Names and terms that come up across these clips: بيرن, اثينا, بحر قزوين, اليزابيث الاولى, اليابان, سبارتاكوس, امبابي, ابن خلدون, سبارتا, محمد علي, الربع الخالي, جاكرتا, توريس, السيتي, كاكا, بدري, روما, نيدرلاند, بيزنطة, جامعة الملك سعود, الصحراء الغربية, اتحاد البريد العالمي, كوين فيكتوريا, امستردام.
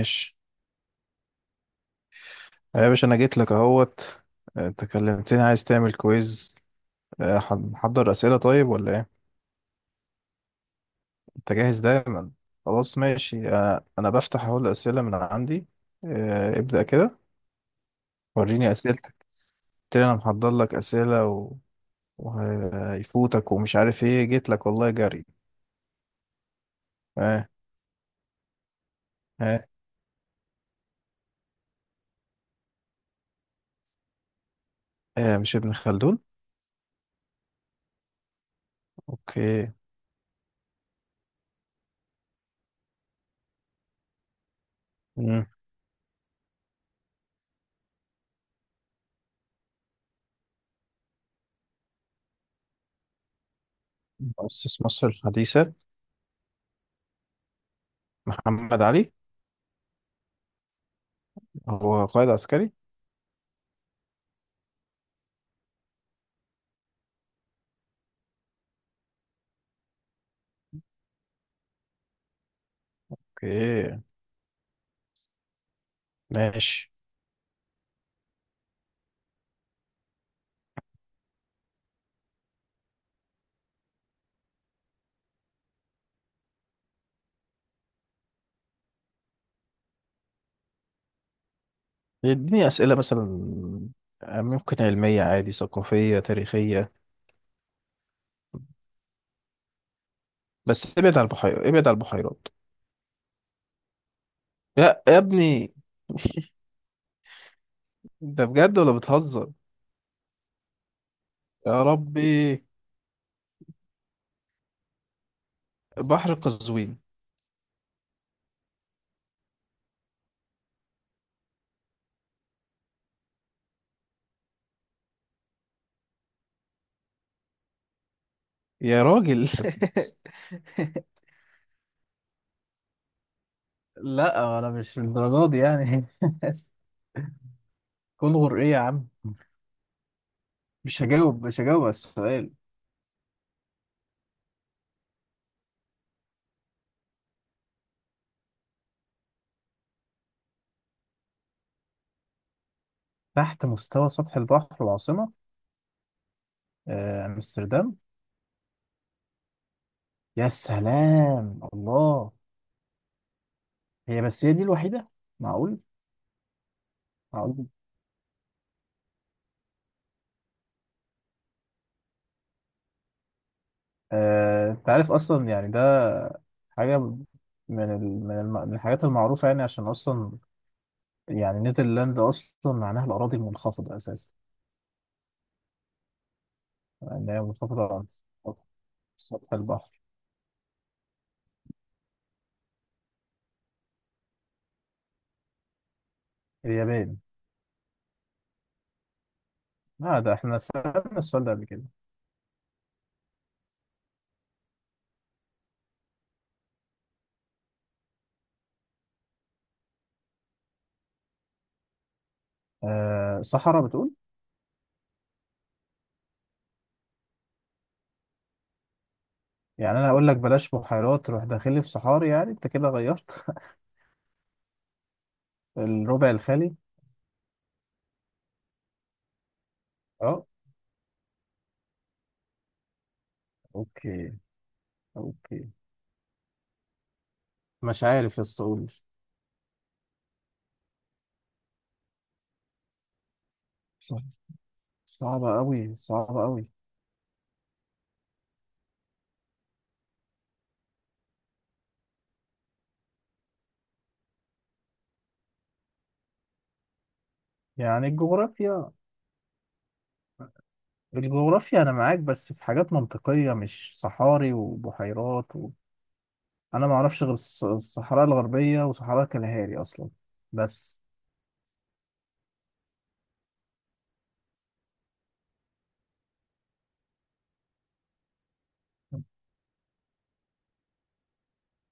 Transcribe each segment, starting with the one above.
ماشي. يا باشا انا جيت لك اهوت. انت كلمتني عايز تعمل كويز. محضر اسئله طيب ولا ايه؟ انت جاهز دايما. خلاص ماشي. انا بفتح اهو الاسئله من عندي. ابدا كده. وريني اسئلتك. قلت لي انا محضر لك اسئله وهيفوتك، ومش عارف ايه، جيت لك والله جري. اه اه. اه مش ابن خلدون؟ اوكي. مم. مؤسس مصر الحديثه؟ محمد علي. هو قائد عسكري. اوكي. ماشي. يديني أسئلة مثلا، ممكن علمية عادي، ثقافية، تاريخية، بس ابعد عن البحيرات، ابعد عن البحيرات. يا ابني، ده بجد ولا بتهزر؟ يا ربي. بحر قزوين. يا راجل. لا انا مش للدرجه دي يعني. كل غر ايه يا عم. مش هجاوب، مش هجاوب على السؤال. تحت مستوى سطح البحر العاصمه. امستردام. يا سلام الله. هي بس، هي دي الوحيده؟ معقول. معقول. انت عارف اصلا يعني ده حاجه من الحاجات المعروفه، يعني عشان اصلا يعني نيدرلاند اصلا معناها الاراضي المنخفضه اساسا. يعني هي منخفضه عن سطح البحر. اليابان. لا ده احنا سالنا السؤال ده قبل كده. أه صحراء بتقول؟ يعني انا اقول لك بلاش بحيرات، روح داخلي في صحاري؟ يعني انت كده غيرت. الربع الخالي. اه. اوكي. اوكي. مش عارف يا اسطى، قول لي. صعبه قوي، صعبه قوي. يعني الجغرافيا، الجغرافيا انا معاك، بس في حاجات منطقيه، مش صحاري وبحيرات و... انا ما اعرفش غير الصحراء الغربيه وصحراء كالهاري اصلا بس.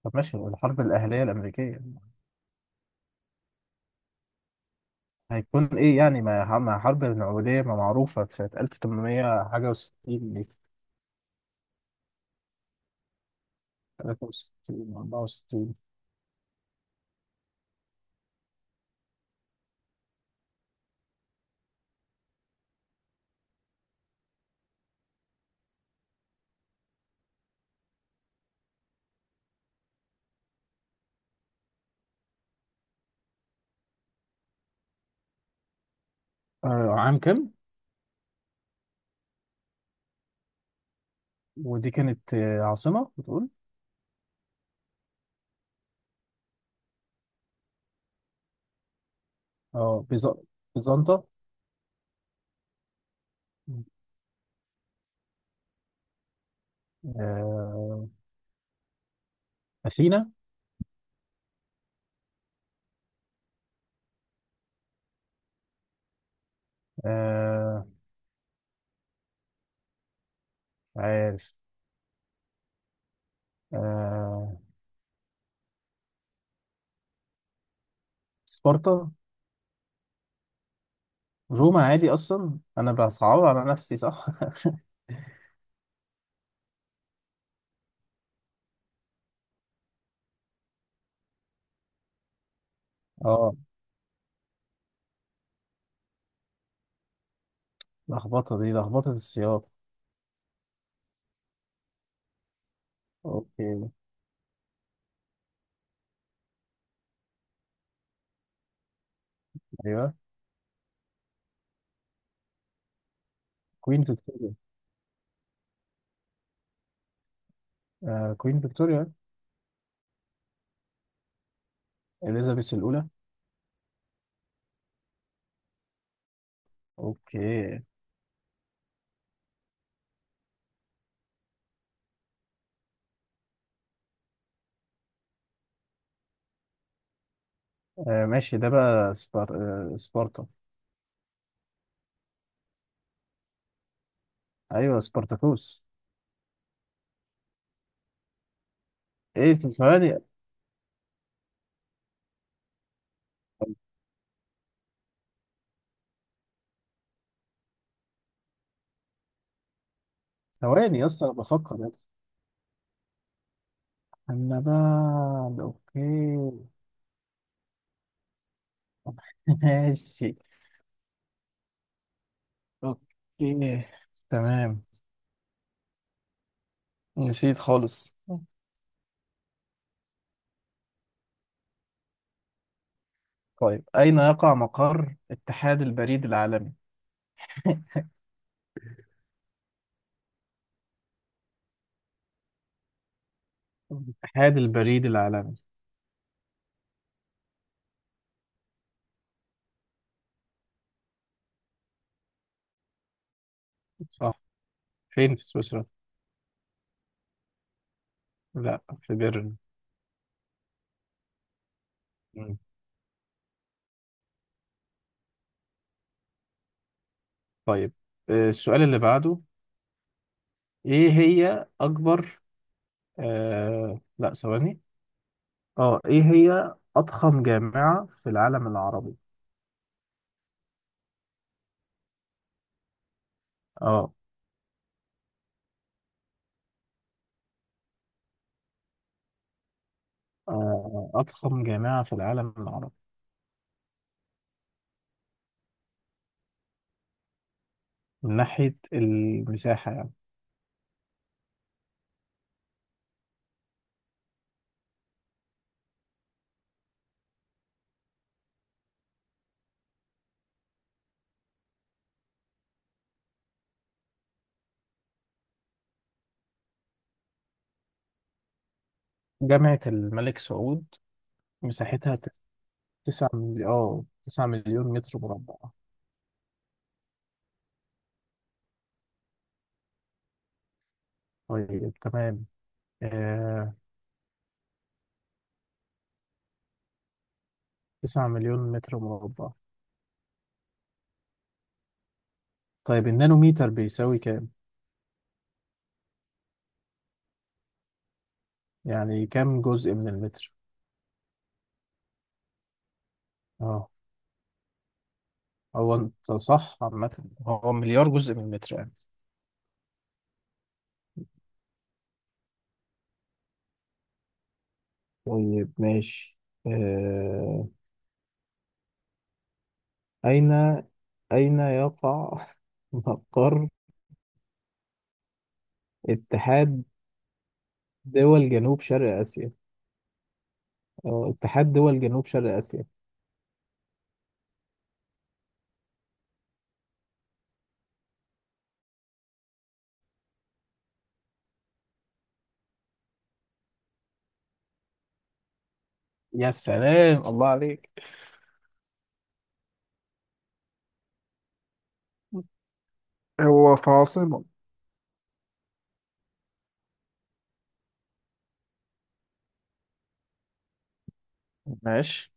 طب ماشي، والحرب الاهليه الامريكيه. هيكون ايه يعني ما حرب النوويه، ما معروفه في سنه 1800 حاجه و60 دي. 63 64. آه عام كام؟ ودي كانت عاصمه بتقول؟ اه بيز... بيزنطة. آه... اثينا. آه... عارف. آه... سبارتا. روما عادي، اصلا انا بصعبها على نفسي صح. اه. لخبطه دي، لخبطه السياق. اوكي. ايوه. كوين فيكتوريا. آه كوين فيكتوريا. اليزابيث الاولى. اوكي. آه ماشي. آه سبارتا. ايوه سبارتاكوس. ايه ثواني. ثواني اصلا بفكر يا اسطى. النبال اوكي. ماشي. اوكي. تمام. نسيت خالص. طيب، أين يقع مقر اتحاد البريد العالمي؟ اتحاد البريد العالمي. صح. فين في سويسرا؟ لا، في بيرن. مم. طيب السؤال اللي بعده. إيه هي أكبر لا ثواني. اه، إيه هي أضخم جامعة في العالم العربي؟ اه. أضخم جامعة في العالم العربي من ناحية المساحة يعني. جامعة الملك سعود، مساحتها 9 مليون متر مربع. طيب تمام. آه 9 مليون متر مربع. طيب، النانوميتر بيساوي كام؟ يعني كام جزء من المتر؟ اه. هو انت صح عامة. هو مليار جزء من المتر يعني. طيب ماشي. آه... أين أين يقع مقر اتحاد دول جنوب شرق آسيا؟ أو اتحاد دول جنوب شرق آسيا. يا سلام الله عليك. هو في عاصمة. ماشي.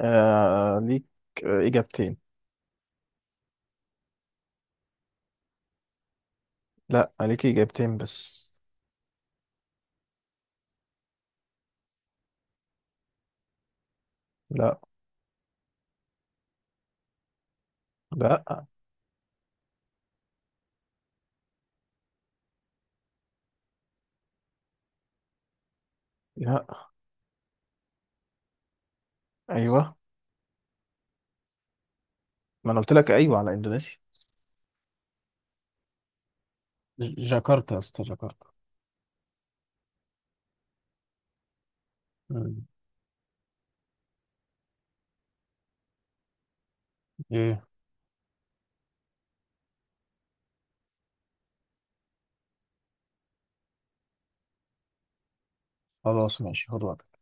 آه ليك إجابتين. لا، عليكي إجابتين بس. لا. لا. لا. أيوه. ما أنا قلت لك أيوه على إندونيسيا. جاكرتا يا اسطى، جاكرتا. مم. ايه. خلاص ماشي، خد وقتك.